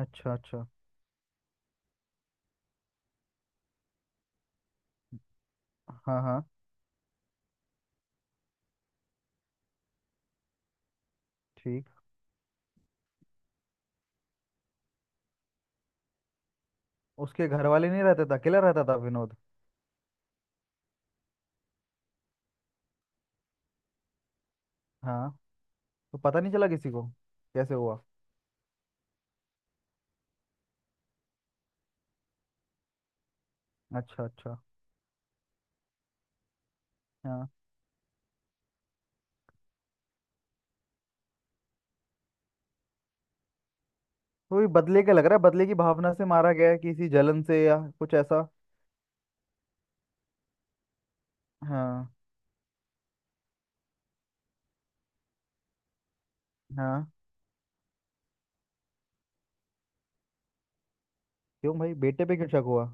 अच्छा अच्छा। हाँ हाँ। ठीक। उसके घर वाले नहीं रहते थे, अकेला रहता था विनोद। हाँ। तो पता नहीं चला किसी को कैसे हुआ? अच्छा अच्छा। हाँ, तो ये बदले का लग रहा है, बदले की भावना से मारा गया है, किसी जलन से या कुछ ऐसा। हाँ हाँ। क्यों भाई बेटे पे क्यों शक हुआ?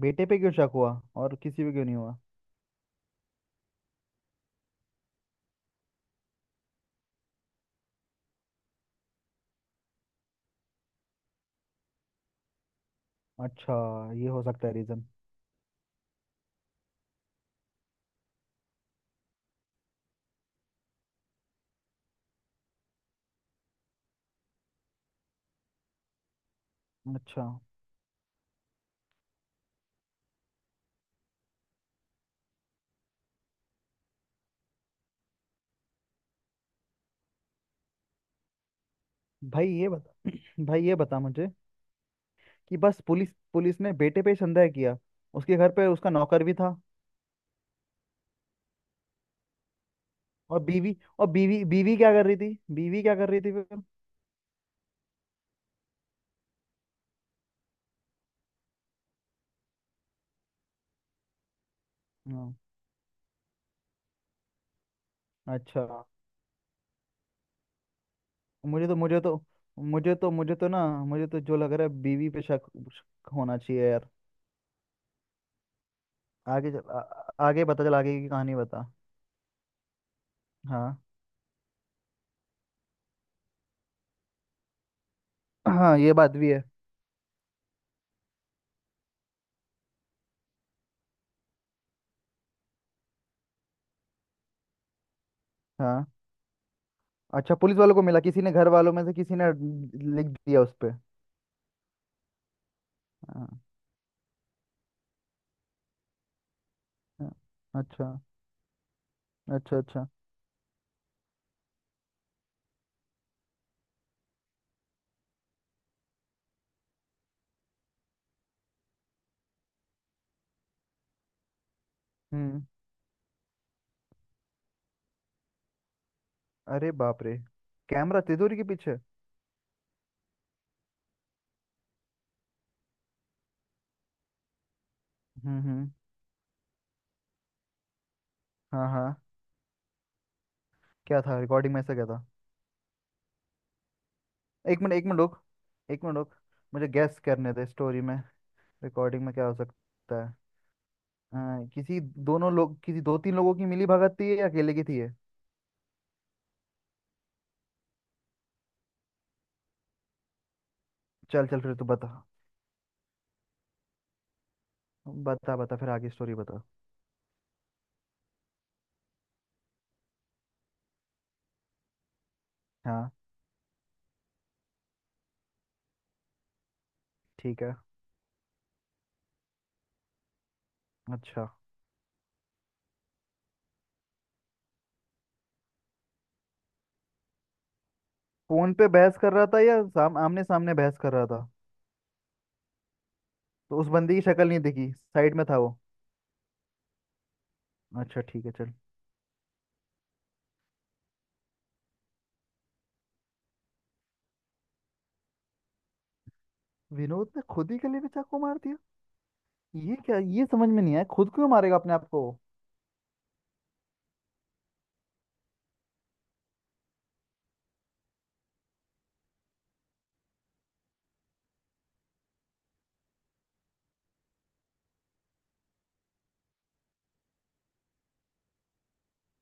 बेटे पे क्यों शक हुआ और किसी पे क्यों नहीं हुआ? अच्छा, ये हो सकता है रीजन। अच्छा, भाई ये बता भाई ये बता मुझे कि बस पुलिस पुलिस ने बेटे पे ही संदेह किया। उसके घर पे उसका नौकर भी था। और बीवी बीवी क्या कर रही थी? बीवी क्या कर रही थी फिर? हाँ। अच्छा। मुझे तो मुझे तो मुझे तो ना, मुझे तो जो लग रहा है, बीवी पे शक होना चाहिए यार। आगे चल, आ, आ- आगे बता, चल आगे की कहानी बता। हाँ। हाँ ये बात भी है। हाँ। अच्छा, पुलिस वालों को मिला, किसी ने घर वालों में से किसी ने लिख दिया उस पे। हाँ हाँ, अच्छा अच्छा। अच्छा। हम्म। अरे बाप रे। कैमरा तिजोरी के पीछे? हम्म। हाँ हाँ, क्या था रिकॉर्डिंग में, ऐसा क्या था? एक मिनट रुक। एक मिनट रुक। मुझे गैस करने दे स्टोरी में। रिकॉर्डिंग में क्या हो सकता है? किसी, दोनों लोग, किसी दो तीन लोगों की मिली भगत थी या अकेले की थी ये? चल चल फिर तू बता। बता बता फिर आगे स्टोरी बता। हाँ ठीक है अच्छा। फोन पे बहस कर रहा था या आमने सामने बहस कर रहा था? तो उस बंदी की शक्ल नहीं दिखी, साइड में था वो? अच्छा ठीक है चल। विनोद ने खुद ही गले में चाकू मार दिया? ये क्या, ये समझ में नहीं आया, खुद क्यों मारेगा अपने आप को?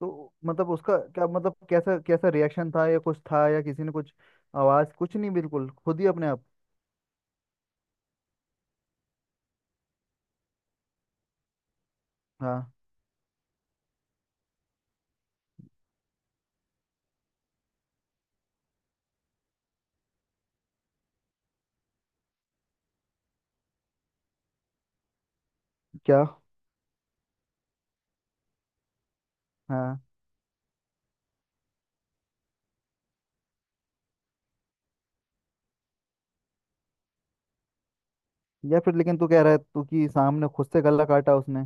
तो मतलब उसका क्या मतलब, कैसा कैसा रिएक्शन था या कुछ था या किसी ने कुछ, आवाज कुछ नहीं, बिल्कुल खुद ही अपने आप? हाँ क्या हाँ? या फिर लेकिन तू कह रहा है तू कि सामने खुद से गला काटा उसने?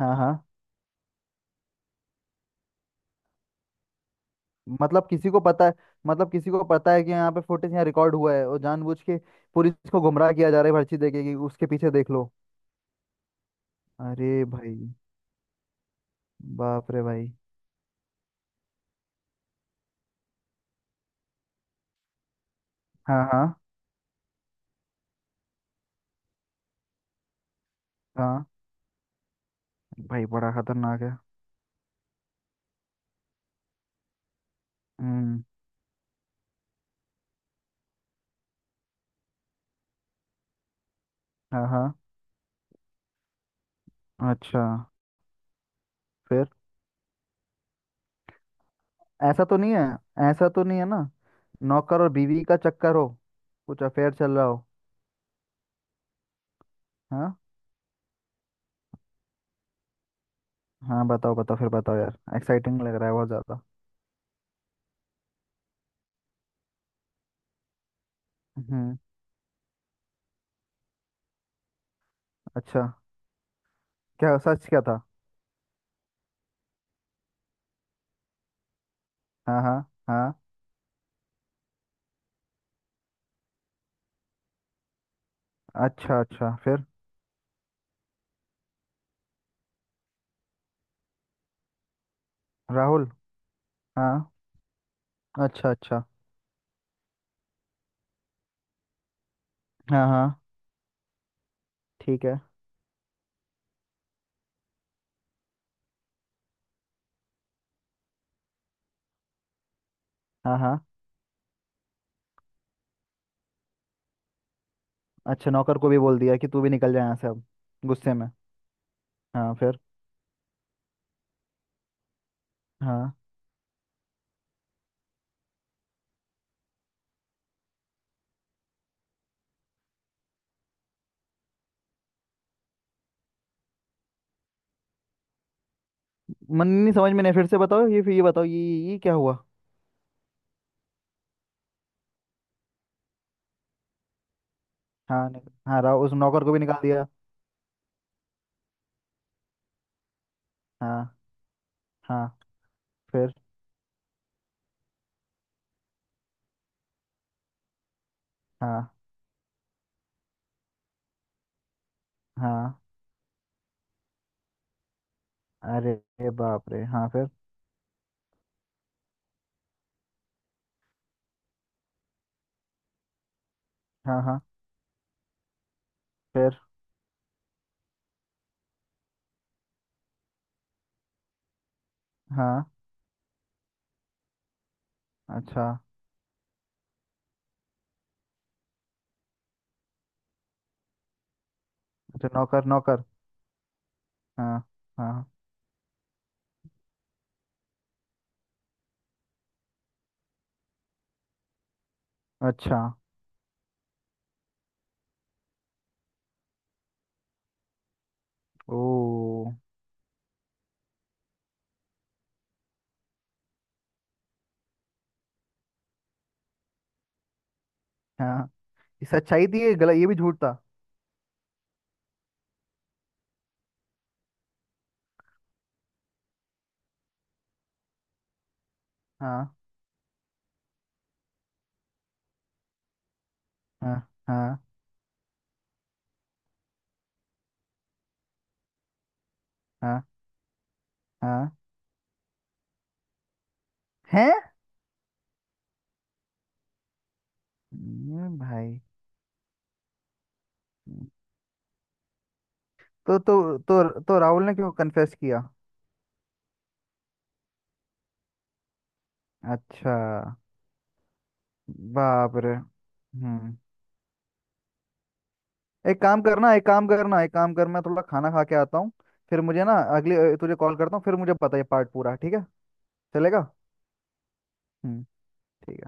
हाँ हाँ। मतलब किसी को पता है। मतलब किसी को पता है कि यहाँ पे फुटेज यहाँ रिकॉर्ड हुआ है, और जानबूझ के पुलिस को गुमराह किया जा रहा है पर्ची देके कि उसके पीछे देख लो? अरे भाई। बाप रे भाई। हाँ हाँ हाँ। भाई बड़ा खतरनाक है। हम्म। हाँ हाँ। अच्छा। फिर? ऐसा तो नहीं है? ऐसा तो नहीं है ना, नौकर और बीवी का चक्कर हो, कुछ अफेयर चल रहा हो? हाँ। हाँ, बताओ बताओ फिर बताओ यार, एक्साइटिंग लग रहा है बहुत ज्यादा। हम्म। अच्छा, क्या सच, क्या था? हाँ हाँ हाँ। अच्छा अच्छा। फिर? राहुल। हाँ। अच्छा अच्छा। हाँ हाँ। ठीक है। हाँ हाँ। अच्छा, नौकर को भी बोल दिया कि तू भी निकल जाए यहाँ से अब, गुस्से में? हाँ फिर? हाँ, मन नहीं, समझ में नहीं, फिर से बताओ ये, फिर ये बताओ, ये क्या हुआ? हाँ, राहुल उस नौकर को भी निकाल दिया। हाँ। हाँ फिर? हाँ हाँ। अरे बाप रे, हाँ फिर? हाँ हाँ। फिर? हाँ। अच्छा, अच्छा नौकर नौकर। हाँ हाँ। अच्छा। ओ। हाँ, ये सच्चाई थी, ये गलत, ये भी झूठ था। हाँ हाँ हाँ हाँ हाँ। हैं? ये भाई, तो राहुल ने क्यों कन्फेस किया? अच्छा। बाप रे। हम्म। एक काम करना, थोड़ा खाना खा के आता हूँ। फिर मुझे ना अगले, तुझे कॉल करता हूँ फिर, मुझे पता है पार्ट पूरा। ठीक है? चलेगा? हम्म। ठीक है।